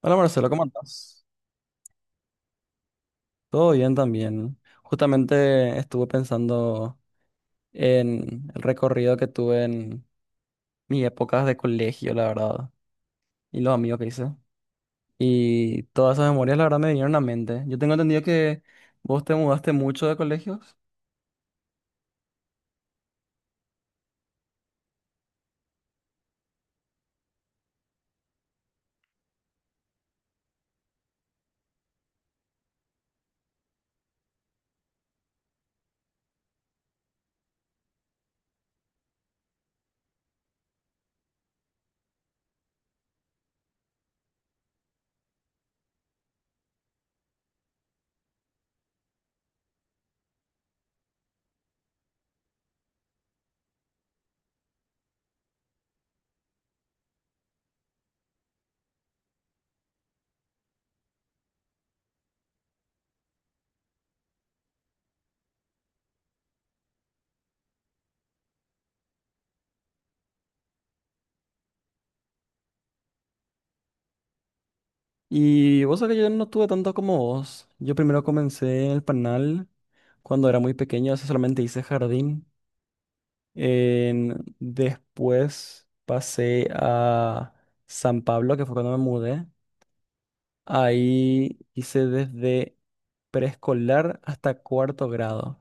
Hola, Marcelo, ¿cómo estás? Todo bien también. Justamente estuve pensando en el recorrido que tuve en mis épocas de colegio, la verdad, y los amigos que hice. Y todas esas memorias, la verdad, me vinieron a la mente. Yo tengo entendido que vos te mudaste mucho de colegios. Y vos sabés que yo no tuve tanto como vos. Yo primero comencé en el Panal cuando era muy pequeño, así solamente hice jardín. Después pasé a San Pablo, que fue cuando me mudé. Ahí hice desde preescolar hasta cuarto grado.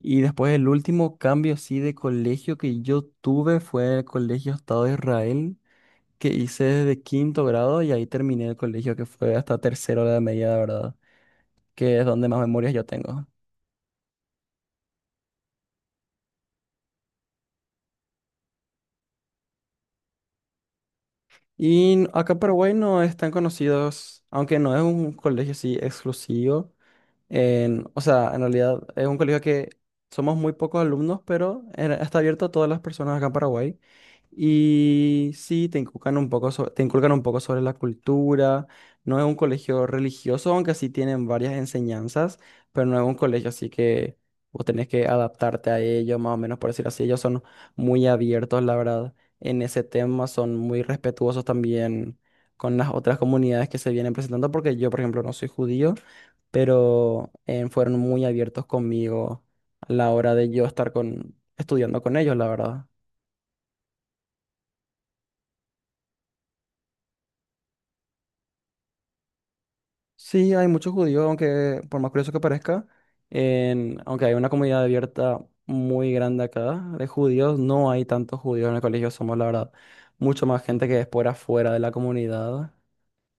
Y después el último cambio así de colegio que yo tuve fue el Colegio Estado de Israel, que hice desde quinto grado, y ahí terminé el colegio, que fue hasta tercero de la media, la verdad, que es donde más memorias yo tengo. Y acá en Paraguay no es tan conocido, aunque no es un colegio así exclusivo. En, o sea, en realidad es un colegio que somos muy pocos alumnos, pero está abierto a todas las personas acá en Paraguay. Y sí, te inculcan un poco sobre, te inculcan un poco sobre la cultura. No es un colegio religioso, aunque sí tienen varias enseñanzas, pero no es un colegio así que vos tenés que adaptarte a ellos, más o menos por decir así. Ellos son muy abiertos, la verdad, en ese tema. Son muy respetuosos también con las otras comunidades que se vienen presentando, porque yo, por ejemplo, no soy judío, pero fueron muy abiertos conmigo a la hora de yo estar con, estudiando con ellos, la verdad. Sí, hay muchos judíos, aunque por más curioso que parezca, aunque hay una comunidad abierta muy grande acá de judíos, no hay tantos judíos en el colegio, somos, la verdad, mucho más gente que es por afuera de la comunidad,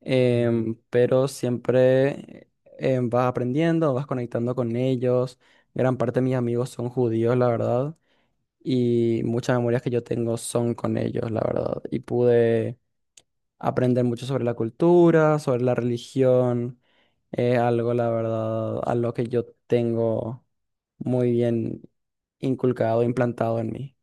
pero siempre vas aprendiendo, vas conectando con ellos, gran parte de mis amigos son judíos, la verdad. Y muchas memorias que yo tengo son con ellos, la verdad. Y pude aprender mucho sobre la cultura, sobre la religión, algo, la verdad, a lo que yo tengo muy bien inculcado, implantado en mí.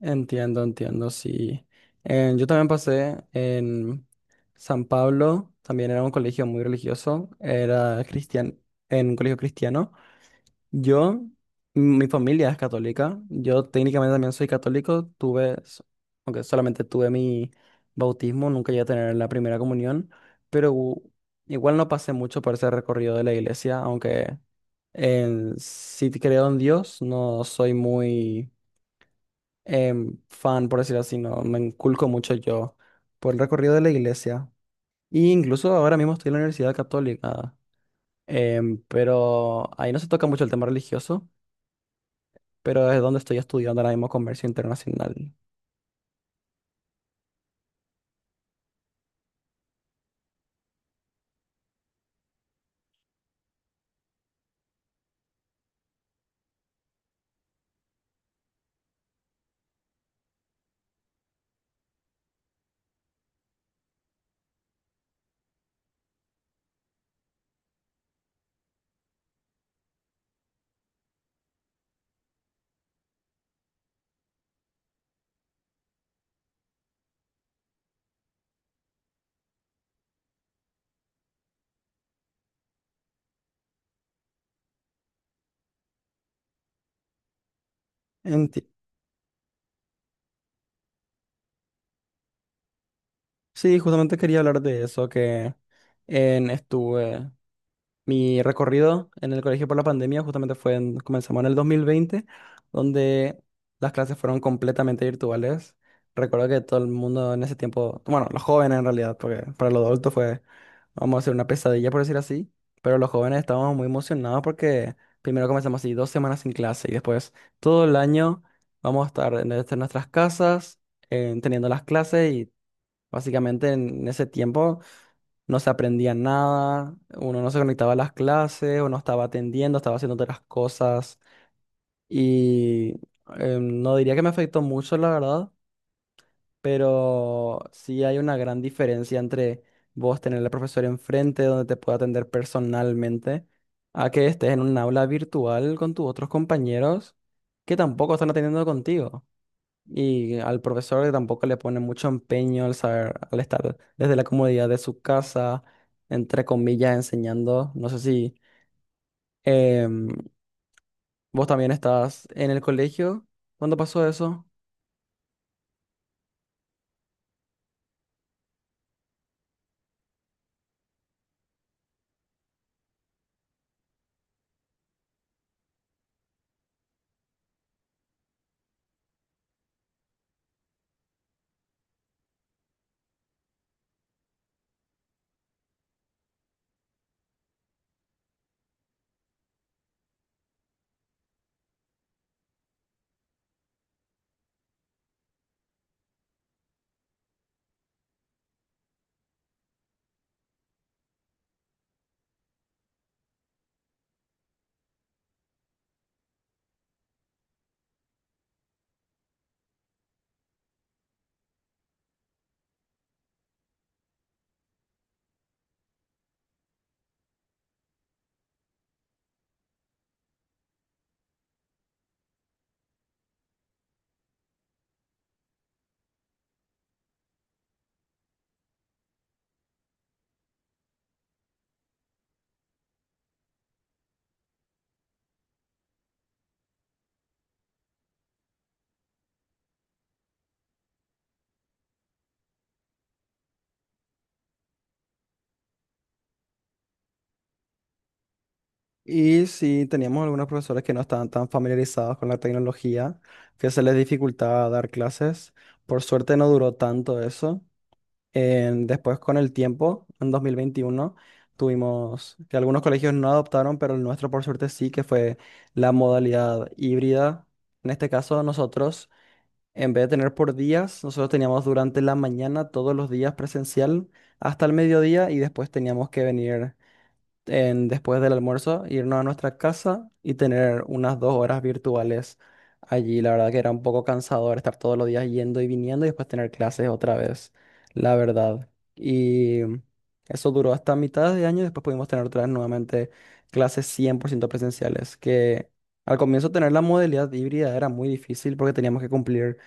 Entiendo, entiendo, sí. Yo también pasé en San Pablo, también era un colegio muy religioso, era cristian en un colegio cristiano. Yo, mi familia es católica. Yo técnicamente también soy católico. Aunque solamente tuve mi bautismo, nunca llegué a tener la primera comunión, pero igual no pasé mucho por ese recorrido de la iglesia, aunque sí creo en Dios. No soy muy fan, por decirlo así, no me inculco mucho yo por el recorrido de la iglesia. Y incluso ahora mismo estoy en la Universidad Católica, pero ahí no se toca mucho el tema religioso, pero es donde estoy estudiando ahora mismo comercio internacional. Enti- Sí, justamente quería hablar de eso, que en, estuve mi recorrido en el colegio por la pandemia justamente fue comenzamos en el 2020, donde las clases fueron completamente virtuales. Recuerdo que todo el mundo en ese tiempo, bueno, los jóvenes en realidad, porque para los adultos fue, vamos a hacer, una pesadilla por decir así, pero los jóvenes estábamos muy emocionados porque primero comenzamos así dos semanas sin clase y después todo el año vamos a estar en, desde nuestras casas, teniendo las clases, y básicamente en ese tiempo no se aprendía nada, uno no se conectaba a las clases, uno estaba atendiendo, estaba haciendo otras cosas. Y no diría que me afectó mucho, la verdad, pero sí hay una gran diferencia entre vos tener al profesor enfrente donde te pueda atender personalmente a que estés en un aula virtual con tus otros compañeros que tampoco están atendiendo contigo. Y al profesor que tampoco le pone mucho empeño al saber, al estar desde la comodidad de su casa, entre comillas, enseñando. No sé si em, vos también estás en el colegio cuando pasó eso. Y si teníamos algunos profesores que no estaban tan familiarizados con la tecnología, que se les dificultaba dar clases. Por suerte no duró tanto eso. Después, con el tiempo, en 2021, tuvimos que algunos colegios no adoptaron, pero el nuestro, por suerte, sí, que fue la modalidad híbrida. En este caso, nosotros, en vez de tener por días, nosotros teníamos durante la mañana todos los días presencial hasta el mediodía, y después teníamos que venir, después del almuerzo, irnos a nuestra casa y tener unas dos horas virtuales allí. La verdad que era un poco cansador estar todos los días yendo y viniendo y después tener clases otra vez, la verdad. Y eso duró hasta mitad de año, y después pudimos tener otra vez nuevamente clases 100% presenciales, que al comienzo tener la modalidad híbrida era muy difícil porque teníamos que cumplir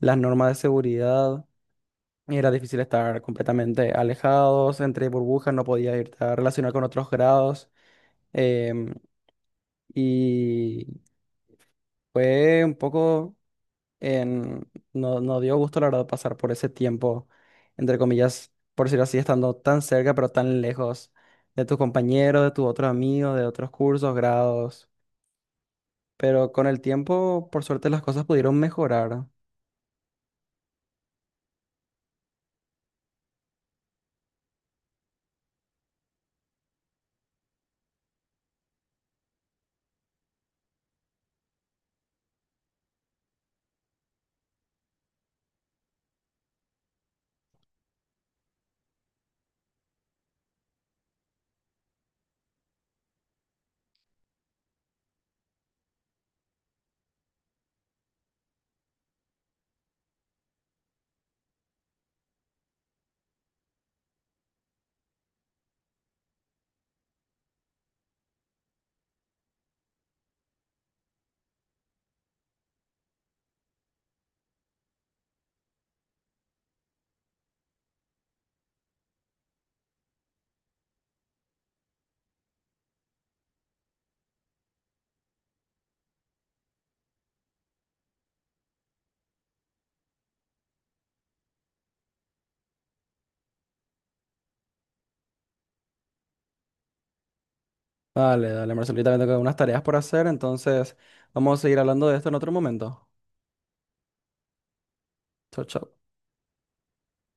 las normas de seguridad. Y era difícil estar completamente alejados, entre burbujas, no podías irte a relacionar con otros grados. Em, y fue un poco, no, no dio gusto la verdad pasar por ese tiempo, entre comillas, por decirlo así, estando tan cerca pero tan lejos de tus compañeros, de tus otros amigos, de otros cursos, grados. Pero con el tiempo, por suerte, las cosas pudieron mejorar. Dale, dale, Marcelita, también tengo unas tareas por hacer, entonces vamos a seguir hablando de esto en otro momento. Chau, chau.